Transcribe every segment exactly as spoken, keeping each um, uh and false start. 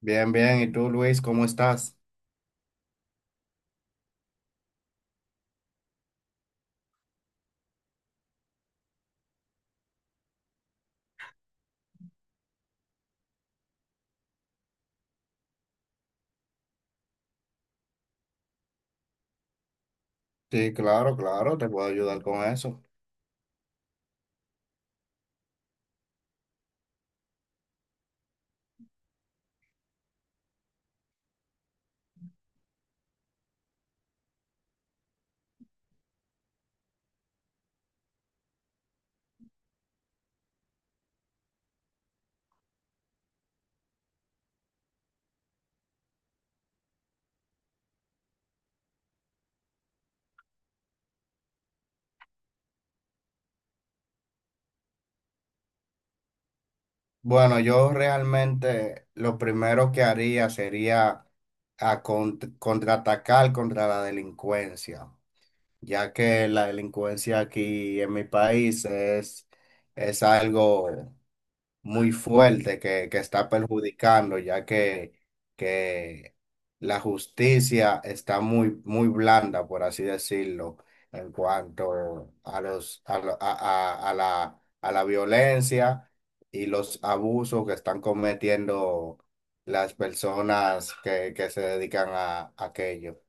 Bien, bien. ¿Y tú, Luis, cómo estás? Sí, claro, claro, te puedo ayudar con eso. Bueno, yo realmente lo primero que haría sería a cont- contraatacar contra la delincuencia, ya que la delincuencia aquí en mi país es, es algo muy fuerte que, que está perjudicando, ya que, que la justicia está muy, muy blanda, por así decirlo, en cuanto a los, a, lo- a- a- a la, a la violencia y los abusos que están cometiendo las personas que, que se dedican a, aquello.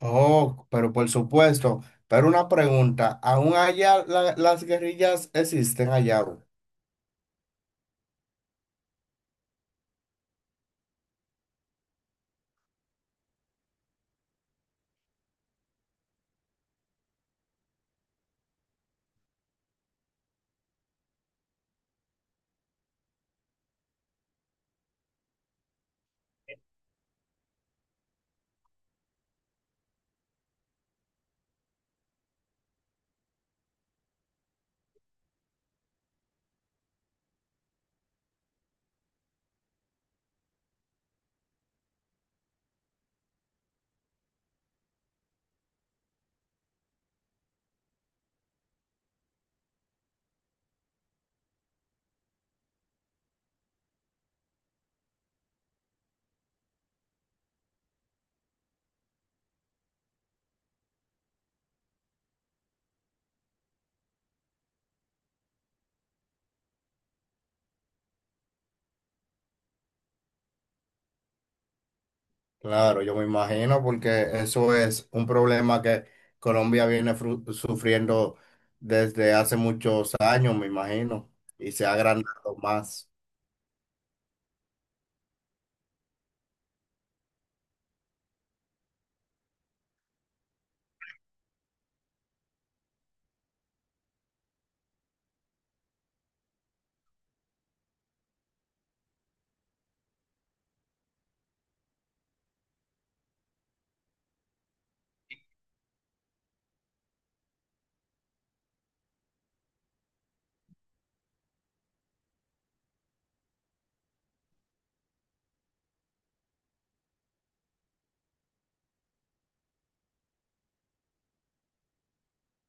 Oh, pero por supuesto, pero una pregunta, ¿aún allá la- las guerrillas existen allá? Claro, yo me imagino porque eso es un problema que Colombia viene fru- sufriendo desde hace muchos años, me imagino, y se ha agrandado más.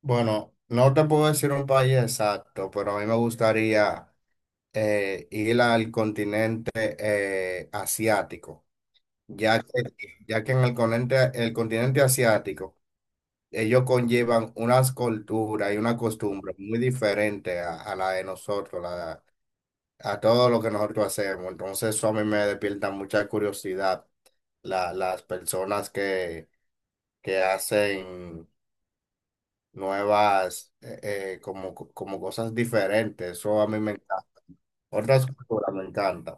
Bueno, no te puedo decir un país exacto, pero a mí me gustaría eh, ir al continente eh, asiático, ya que, ya que en el continente, el continente asiático ellos conllevan unas culturas y una costumbre muy diferente a, a la de nosotros, la a todo lo que nosotros hacemos. Entonces eso a mí me despierta mucha curiosidad, la- las personas que, que hacen nuevas, eh, eh, como, co- como cosas diferentes. Eso a mí me encanta. Otras culturas me encanta.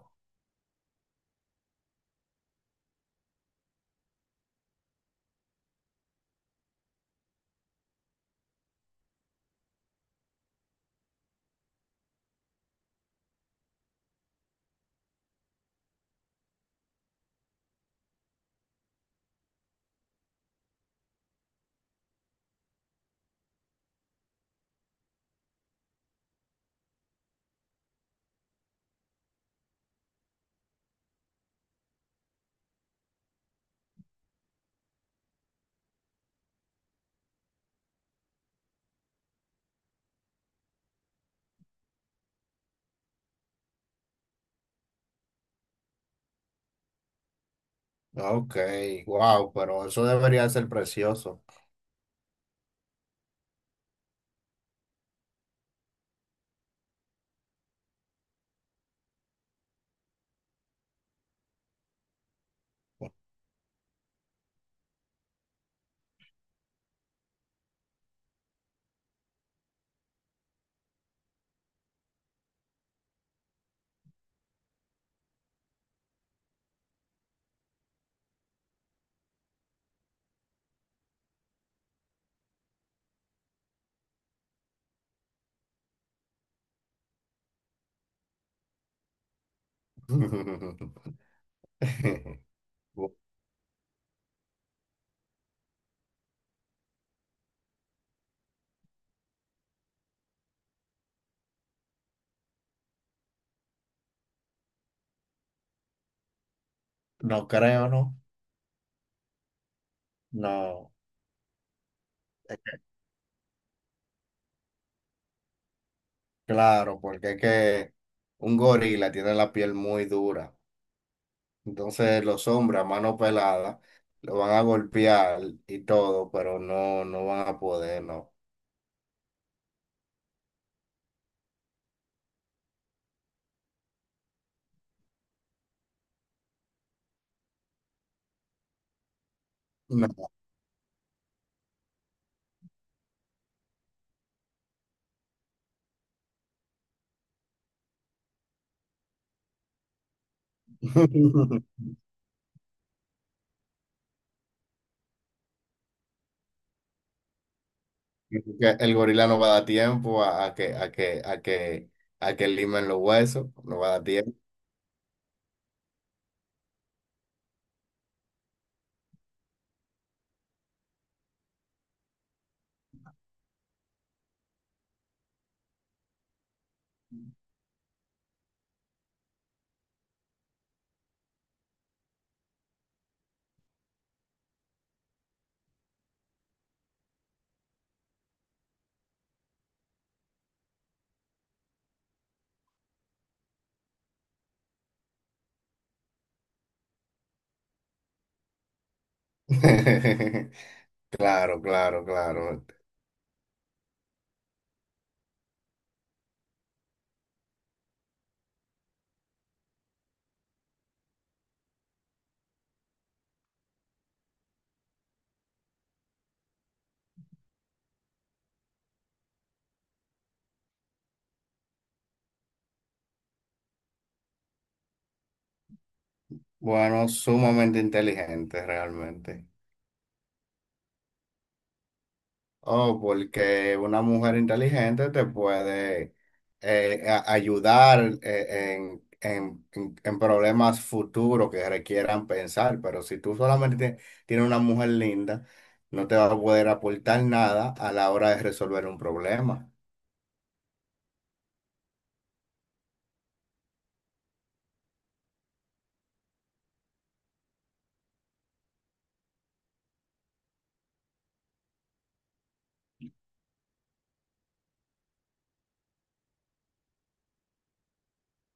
Ok, wow, pero eso debería ser precioso. No creo, ¿no? No, claro, porque es que un gorila tiene la piel muy dura. Entonces los hombres a mano pelada lo van a golpear y todo, pero no, no van a poder, no. No. Porque el gorila no va a dar tiempo a, a que, a que, a que, a que limen los huesos, no va a dar tiempo. Claro, claro, claro. Bueno, sumamente inteligente realmente. Oh, porque una mujer inteligente te puede eh, a- ayudar eh, en, en- en- en problemas futuros que requieran pensar, pero si tú solamente tienes una mujer linda, no te va a poder aportar nada a la hora de resolver un problema.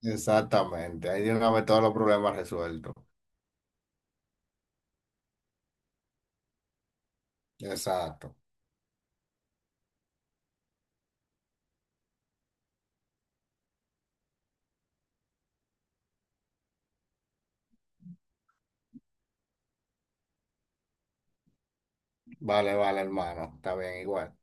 Exactamente, ahí tiene que haber todos los problemas resueltos. Exacto. Vale, vale, hermano, está bien, igual.